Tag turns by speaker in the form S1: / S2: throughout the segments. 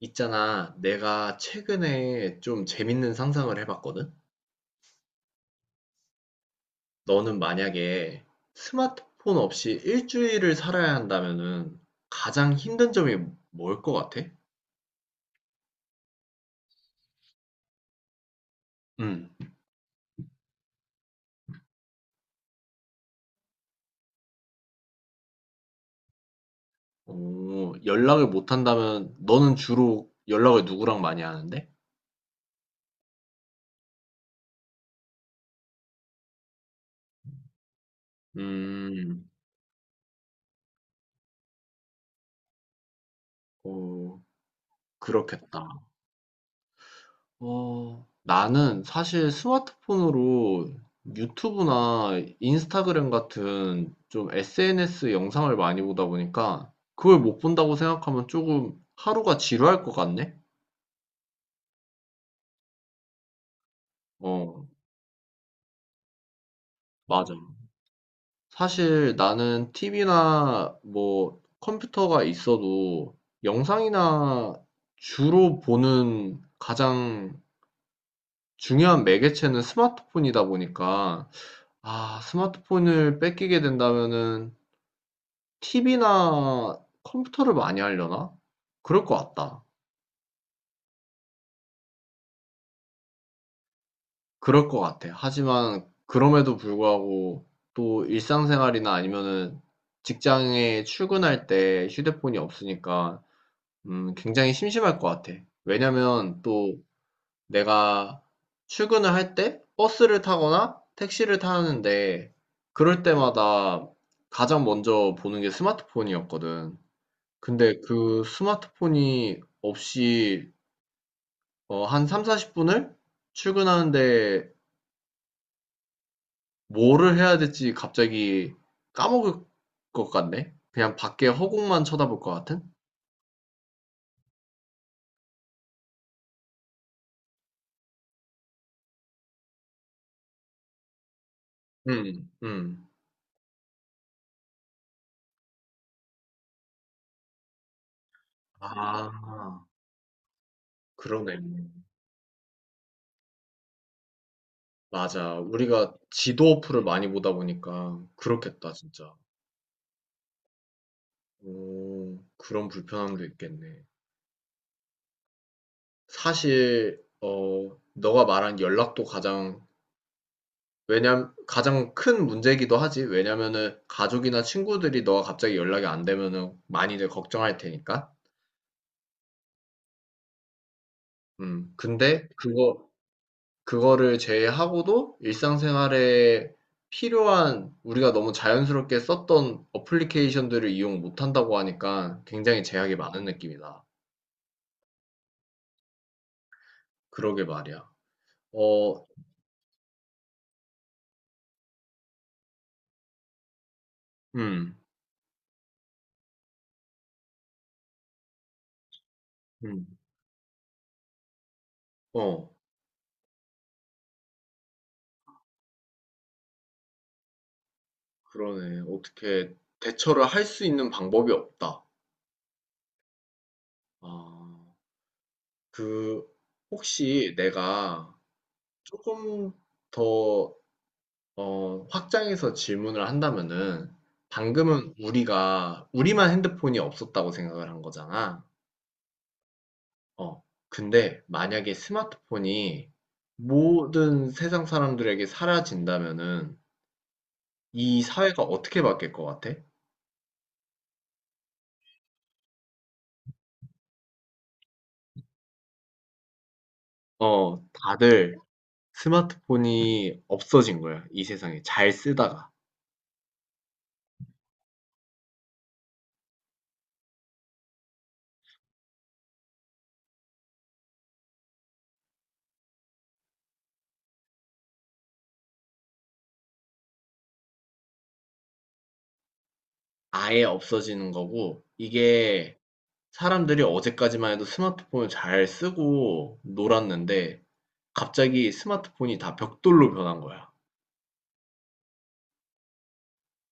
S1: 있잖아, 내가 최근에 좀 재밌는 상상을 해봤거든? 너는 만약에 스마트폰 없이 일주일을 살아야 한다면은 가장 힘든 점이 뭘 것 같아? 응. 오, 연락을 못 한다면 너는 주로 연락을 누구랑 많이 하는데? 음, 오, 그렇겠다. 나는 사실 스마트폰으로 유튜브나 인스타그램 같은 좀 SNS 영상을 많이 보다 보니까 그걸 못 본다고 생각하면 조금 하루가 지루할 것 같네? 어, 맞아. 사실 나는 TV나 뭐 컴퓨터가 있어도 영상이나 주로 보는 가장 중요한 매개체는 스마트폰이다 보니까 스마트폰을 뺏기게 된다면은 TV나 컴퓨터를 많이 하려나? 그럴 것 같다. 그럴 것 같아. 하지만 그럼에도 불구하고 또 일상생활이나 아니면은 직장에 출근할 때 휴대폰이 없으니까 굉장히 심심할 것 같아. 왜냐면 또 내가 출근을 할 때 버스를 타거나 택시를 타는데 그럴 때마다 가장 먼저 보는 게 스마트폰이었거든. 근데 그 스마트폰이 없이 한 3, 40분을 출근하는데 뭐를 해야 될지 갑자기 까먹을 것 같네. 그냥 밖에 허공만 쳐다볼 것 같은? 음, 음. 아, 그러네. 맞아. 우리가 지도 어플을 많이 보다 보니까 그렇겠다, 진짜. 오, 그런 불편함도 있겠네. 사실, 너가 말한 연락도 가장 왜냐 면 가장 큰 문제이기도 하지. 왜냐면은 가족이나 친구들이 너가 갑자기 연락이 안 되면은 많이들 걱정할 테니까. 음. 근데 그거를 제외하고도 일상생활에 필요한 우리가 너무 자연스럽게 썼던 어플리케이션들을 이용 못 한다고 하니까 굉장히 제약이 많은 느낌이다. 그러게 말이야. 어, 음, 음, 어, 그러네. 어떻게 대처를 할 수 있는 방법이 없다. 아. 그 혹시 내가 조금 더 확장해서 질문을 한다면은 방금은 우리가 우리만 핸드폰이 없었다고 생각을 한 거잖아. 어. 근데 만약에 스마트폰이 모든 세상 사람들에게 사라진다면은 이 사회가 어떻게 바뀔 것 같아? 어, 다들 스마트폰이 없어진 거야. 이 세상에 잘 쓰다가 아예 없어지는 거고 이게 사람들이 어제까지만 해도 스마트폰을 잘 쓰고 놀았는데 갑자기 스마트폰이 다 벽돌로 변한 거야.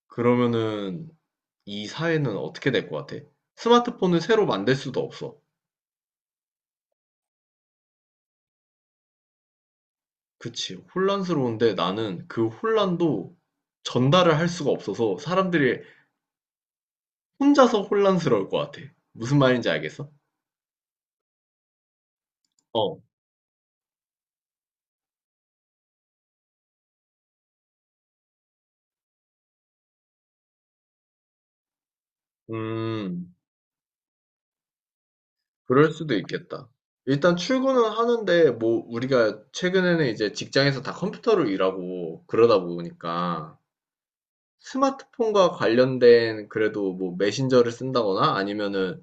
S1: 그러면은 이 사회는 어떻게 될 것 같아? 스마트폰을 새로 만들 수도 없어. 그치. 혼란스러운데 나는 그 혼란도 전달을 할 수가 없어서 사람들이 혼자서 혼란스러울 것 같아. 무슨 말인지 알겠어? 어. 음. 그럴 수도 있겠다. 일단 출근은 하는데, 뭐, 우리가 최근에는 이제 직장에서 다 컴퓨터로 일하고 그러다 보니까 스마트폰과 관련된 그래도 뭐 메신저를 쓴다거나 아니면은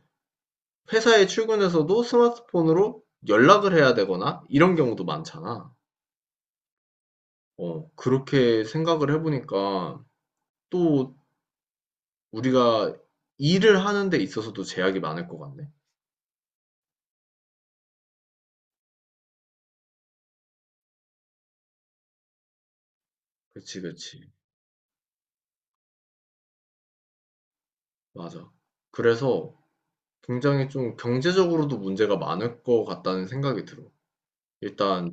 S1: 회사에 출근해서도 스마트폰으로 연락을 해야 되거나 이런 경우도 많잖아. 그렇게 생각을 해보니까 또 우리가 일을 하는 데 있어서도 제약이 많을 것 같네. 그치, 그치. 맞아. 그래서 굉장히 좀 경제적으로도 문제가 많을 것 같다는 생각이 들어. 일단,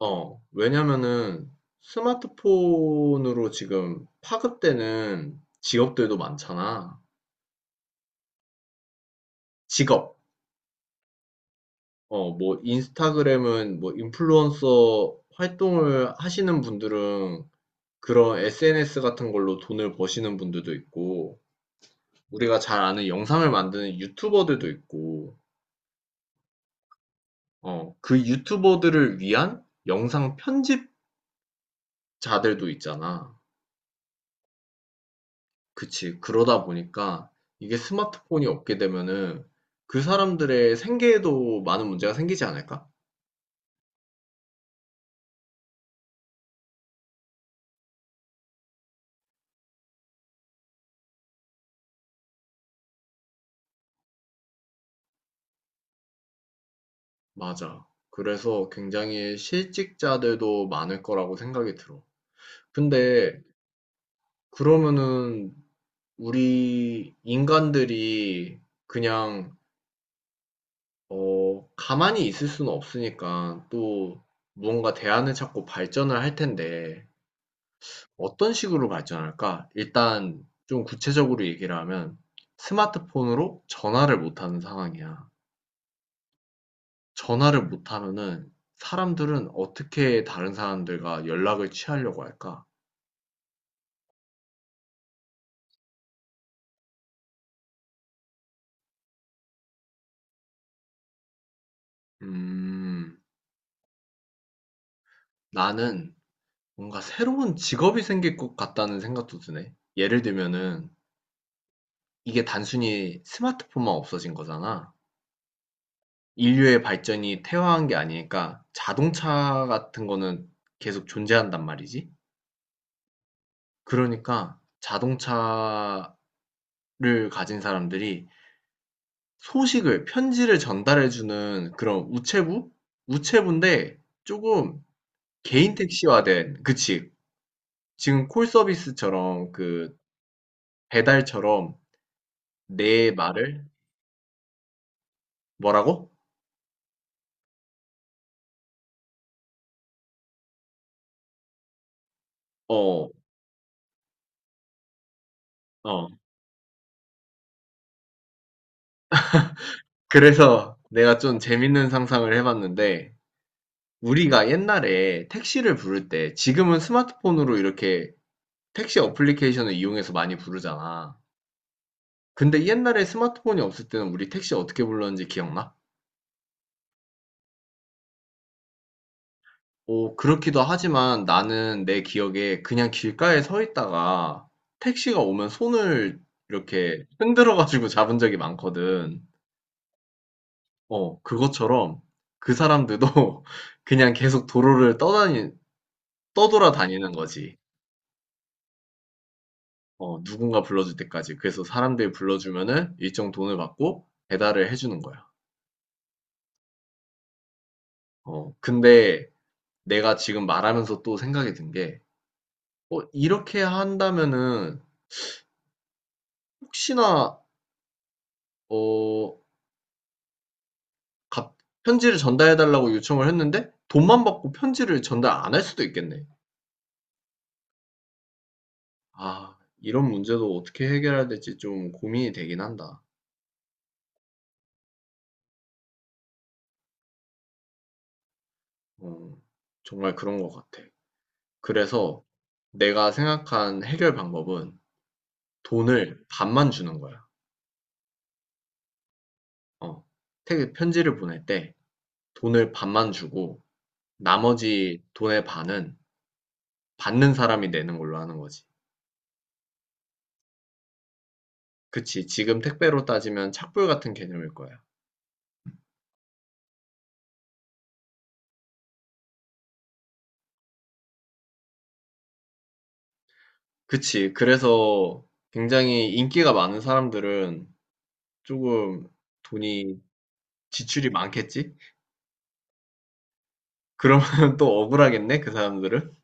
S1: 왜냐면은 스마트폰으로 지금 파급되는 직업들도 많잖아. 직업. 어, 뭐, 인스타그램은 뭐, 인플루언서 활동을 하시는 분들은 그런 SNS 같은 걸로 돈을 버시는 분들도 있고, 우리가 잘 아는 영상을 만드는 유튜버들도 있고, 그 유튜버들을 위한 영상 편집 자들도 있잖아. 그치. 그러다 보니까 이게 스마트폰이 없게 되면은 그 사람들의 생계에도 많은 문제가 생기지 않을까? 맞아. 그래서 굉장히 실직자들도 많을 거라고 생각이 들어. 근데 그러면은 우리 인간들이 그냥 가만히 있을 수는 없으니까 또 무언가 대안을 찾고 발전을 할 텐데 어떤 식으로 발전할까? 일단 좀 구체적으로 얘기를 하면 스마트폰으로 전화를 못 하는 상황이야. 전화를 못 하면은 사람들은 어떻게 다른 사람들과 연락을 취하려고 할까? 음, 나는 뭔가 새로운 직업이 생길 것 같다는 생각도 드네. 예를 들면은 이게 단순히 스마트폰만 없어진 거잖아. 인류의 발전이 태화한 게 아니니까 자동차 같은 거는 계속 존재한단 말이지. 그러니까 자동차를 가진 사람들이 소식을 편지를 전달해 주는 그런 우체부? 우체부인데 조금 개인 택시화된 그치. 지금 콜 서비스처럼 그 배달처럼 내 말을 뭐라고? 어. 어. 그래서 내가 좀 재밌는 상상을 해 봤는데 우리가 옛날에 택시를 부를 때 지금은 스마트폰으로 이렇게 택시 어플리케이션을 이용해서 많이 부르잖아. 근데 옛날에 스마트폰이 없을 때는 우리 택시 어떻게 불렀는지 기억나? 오, 그렇기도 하지만 나는 내 기억에 그냥 길가에 서 있다가 택시가 오면 손을 이렇게 흔들어가지고 잡은 적이 많거든. 어, 그것처럼 그 사람들도 그냥 계속 도로를 떠다니, 떠돌아 다니는 거지. 어, 누군가 불러줄 때까지. 그래서 사람들이 불러주면은 일정 돈을 받고 배달을 해주는 거야. 어, 근데 내가 지금 말하면서 또 생각이 든 게, 이렇게 한다면은 혹시나 어, 갑- 편지를 전달해달라고 요청을 했는데 돈만 받고 편지를 전달 안 할 수도 있겠네. 아, 이런 문제도 어떻게 해결해야 될지 좀 고민이 되긴 한다. 어, 정말 그런 것 같아. 그래서 내가 생각한 해결 방법은 돈을 반만 주는 거야. 어, 편지를 보낼 때 돈을 반만 주고 나머지 돈의 반은 받는 사람이 내는 걸로 하는 거지. 그치. 지금 택배로 따지면 착불 같은 개념일 거야. 그치. 그래서 굉장히 인기가 많은 사람들은 조금 돈이 지출이 많겠지? 그러면 또 억울하겠네, 그 사람들은.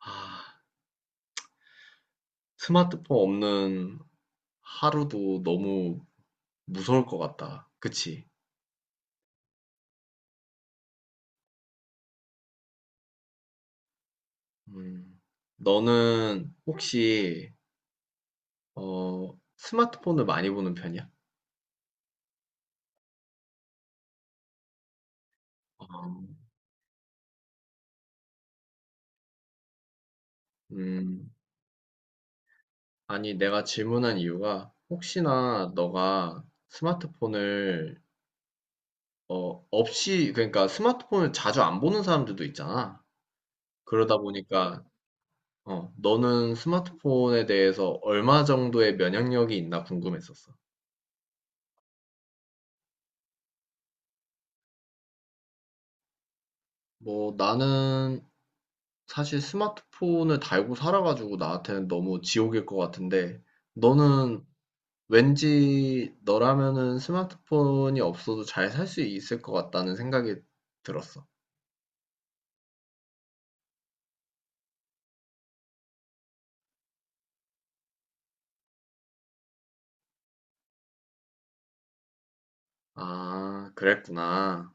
S1: 아, 스마트폰 없는 하루도 너무 무서울 것 같다. 그치? 음, 너는 혹시, 스마트폰을 많이 보는 편이야? 어, 음, 아니, 내가 질문한 이유가 혹시나 너가 스마트폰을 없이 그러니까 스마트폰을 자주 안 보는 사람들도 있잖아. 그러다 보니까 너는 스마트폰에 대해서 얼마 정도의 면역력이 있나 궁금했었어. 뭐 나는 사실 스마트폰을 달고 살아가지고 나한테는 너무 지옥일 것 같은데 너는 왠지 너라면은 스마트폰이 없어도 잘 살 수 있을 것 같다는 생각이 들었어. 아, 그랬구나.